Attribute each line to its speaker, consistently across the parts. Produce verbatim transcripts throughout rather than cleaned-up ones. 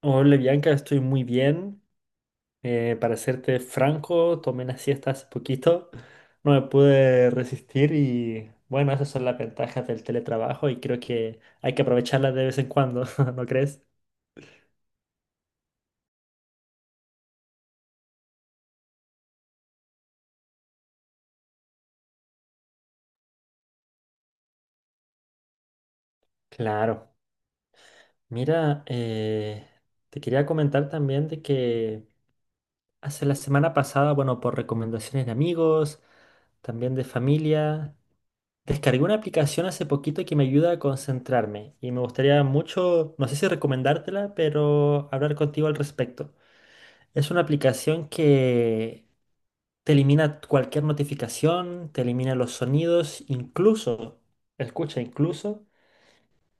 Speaker 1: Hola, Bianca, estoy muy bien. Eh, para serte franco, tomé una siesta hace poquito, no me pude resistir y bueno, esas son las ventajas del teletrabajo y creo que hay que aprovecharlas de vez en cuando, ¿no crees? Claro. Mira, eh, te quería comentar también de que hace la semana pasada, bueno, por recomendaciones de amigos, también de familia. Descargué una aplicación hace poquito que me ayuda a concentrarme y me gustaría mucho, no sé si recomendártela, pero hablar contigo al respecto. Es una aplicación que te elimina cualquier notificación, te elimina los sonidos, incluso, escucha, incluso,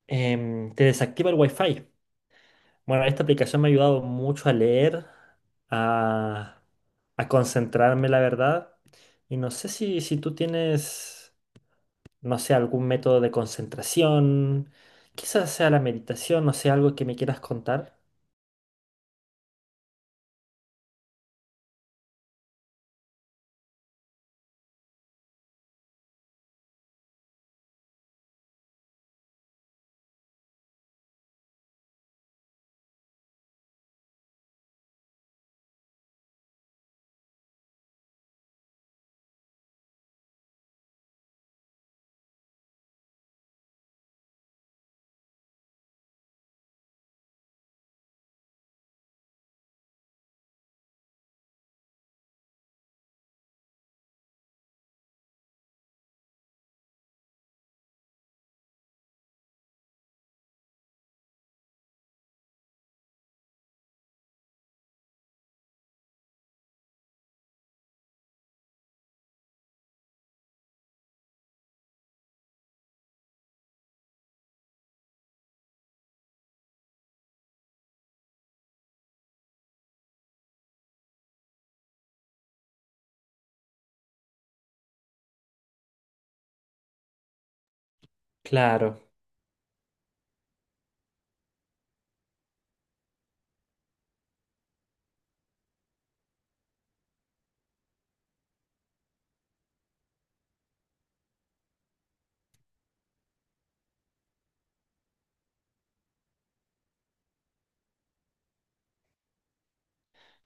Speaker 1: em, te desactiva el Wi-Fi. Bueno, esta aplicación me ha ayudado mucho a leer, a, a concentrarme, la verdad. Y no sé si, si tú tienes, no sé, algún método de concentración, quizás sea la meditación, no sé, algo que me quieras contar. Claro,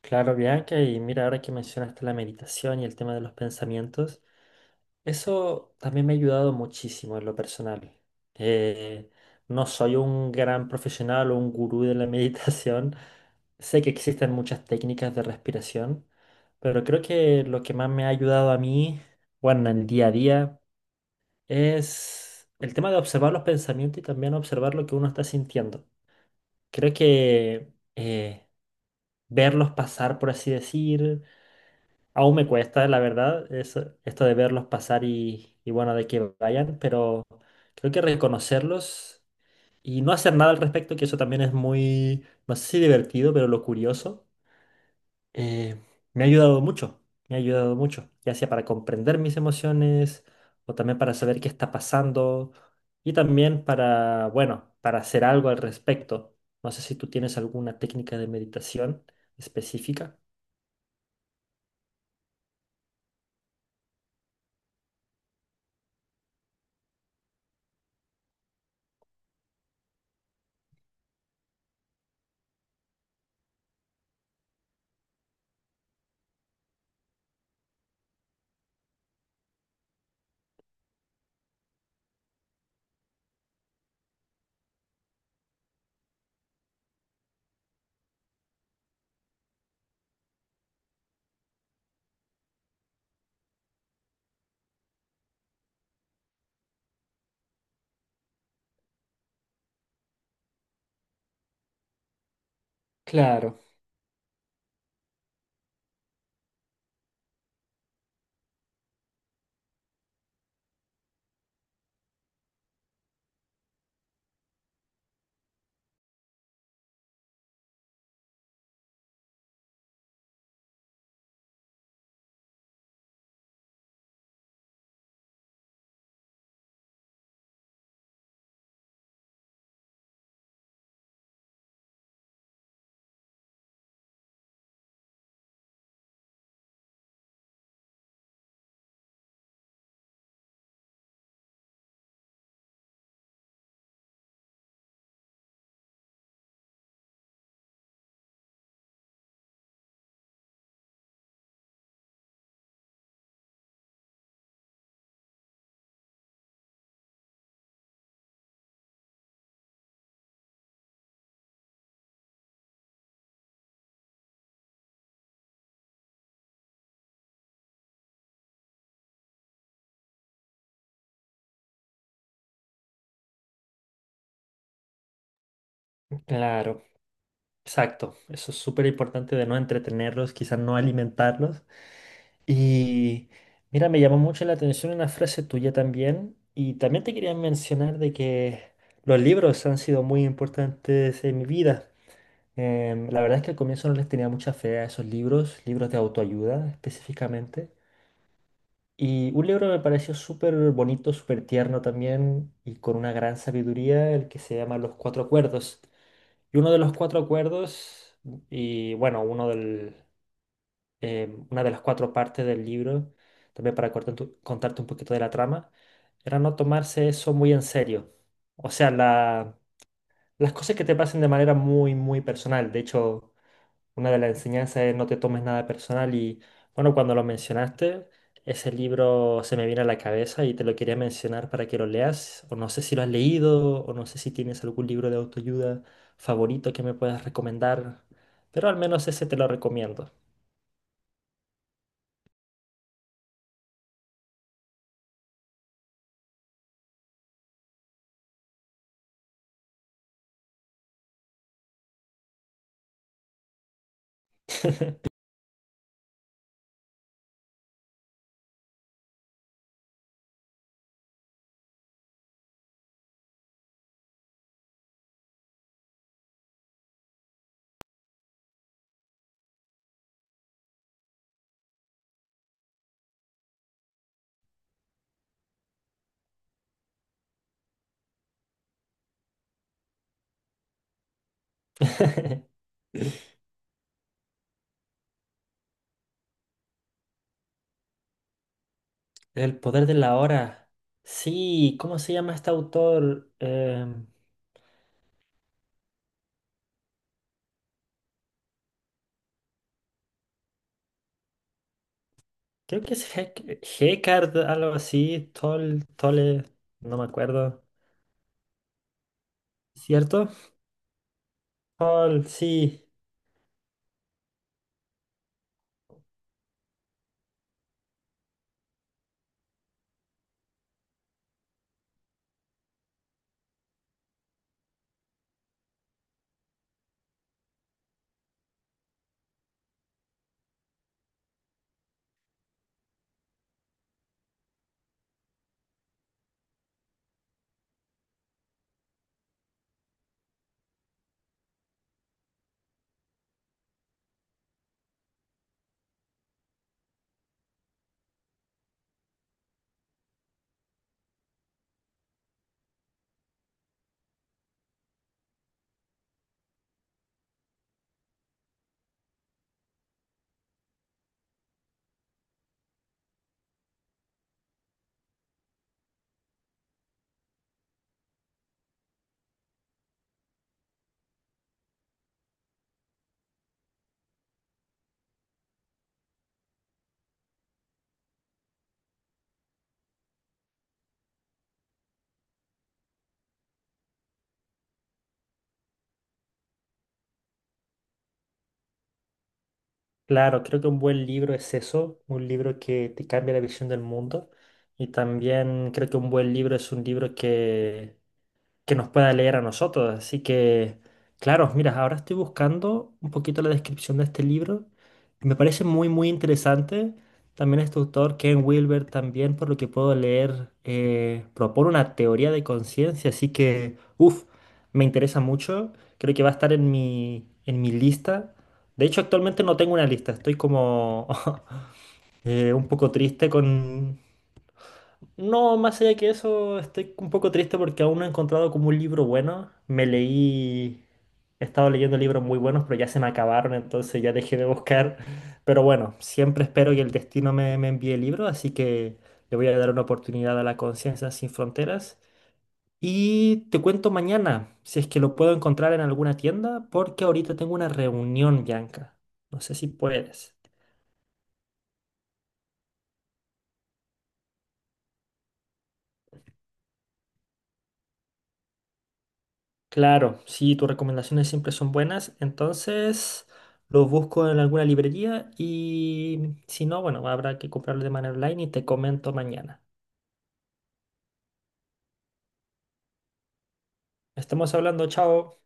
Speaker 1: claro, Bianca, y mira, ahora que mencionaste la meditación y el tema de los pensamientos, eso también me ha ayudado muchísimo en lo personal. Eh, no soy un gran profesional o un gurú de la meditación, sé que existen muchas técnicas de respiración, pero creo que lo que más me ha ayudado a mí, bueno, en el día a día, es el tema de observar los pensamientos y también observar lo que uno está sintiendo. Creo que eh, verlos pasar, por así decir, aún me cuesta, la verdad, eso- esto de verlos pasar y, y bueno, de que vayan, pero creo que reconocerlos y no hacer nada al respecto, que eso también es muy, no sé si divertido, pero lo curioso. eh, Me ha ayudado mucho, me ha ayudado mucho, ya sea para comprender mis emociones o también para saber qué está pasando y también para, bueno, para hacer algo al respecto. No sé si tú tienes alguna técnica de meditación específica. Claro, claro, exacto. Eso es súper importante de no entretenerlos, quizás no alimentarlos. Y mira, me llamó mucho la atención una frase tuya también. Y también te quería mencionar de que los libros han sido muy importantes en mi vida. Em, la verdad es que al comienzo no les tenía mucha fe a esos libros, libros de autoayuda específicamente. Y un libro me pareció súper bonito, súper tierno también y con una gran sabiduría, el que se llama Los Cuatro Acuerdos. Y uno de los cuatro acuerdos, y bueno, uno del, eh, una de las cuatro partes del libro, también para cortar tu- contarte un poquito de la trama, era no tomarse eso muy en serio. O sea, la- las cosas que te pasen de manera muy, muy personal. De hecho, una de las enseñanzas es no te tomes nada personal y, bueno, cuando lo mencionaste, ese libro se me viene a la cabeza y te lo quería mencionar para que lo leas. O no sé si lo has leído, o no sé si tienes algún libro de autoayuda favorito que me puedas recomendar, pero al menos ese te lo recomiendo. El poder de la hora. Sí, ¿cómo se llama este autor? Em, creo que es Hec- Hecard, algo así. Tol, Tole, no me acuerdo. ¿Cierto? Tol, sí. Claro, creo que un buen libro es eso. Un libro que te cambia la visión del mundo. Y también creo que un buen libro es un libro que que nos pueda leer a nosotros. Así que, claro, mira, ahora estoy buscando un poquito la descripción de este libro. Me parece muy, muy interesante. También este autor, Ken Wilber, también, por lo que puedo leer, eh, propone una teoría de conciencia. Así que, uff, me interesa mucho. Creo que va a estar en mi, en mi lista. De hecho, actualmente no tengo una lista. Estoy como eh, un poco triste con, no, más allá que eso, estoy un poco triste porque aún no he encontrado como un libro bueno. Me leí, he estado leyendo libros muy buenos, pero ya se me acabaron, entonces ya dejé de buscar. Pero bueno, siempre espero que el destino me, me envíe libros, así que le voy a dar una oportunidad a La Conciencia Sin Fronteras. Y te cuento mañana, si es que lo puedo encontrar en alguna tienda, porque ahorita tengo una reunión, Bianca. No sé si puedes. Claro, sí, tus recomendaciones siempre son buenas, entonces los busco en alguna librería y si no, bueno, habrá que comprarlo de manera online y te comento mañana. Estamos hablando, chao.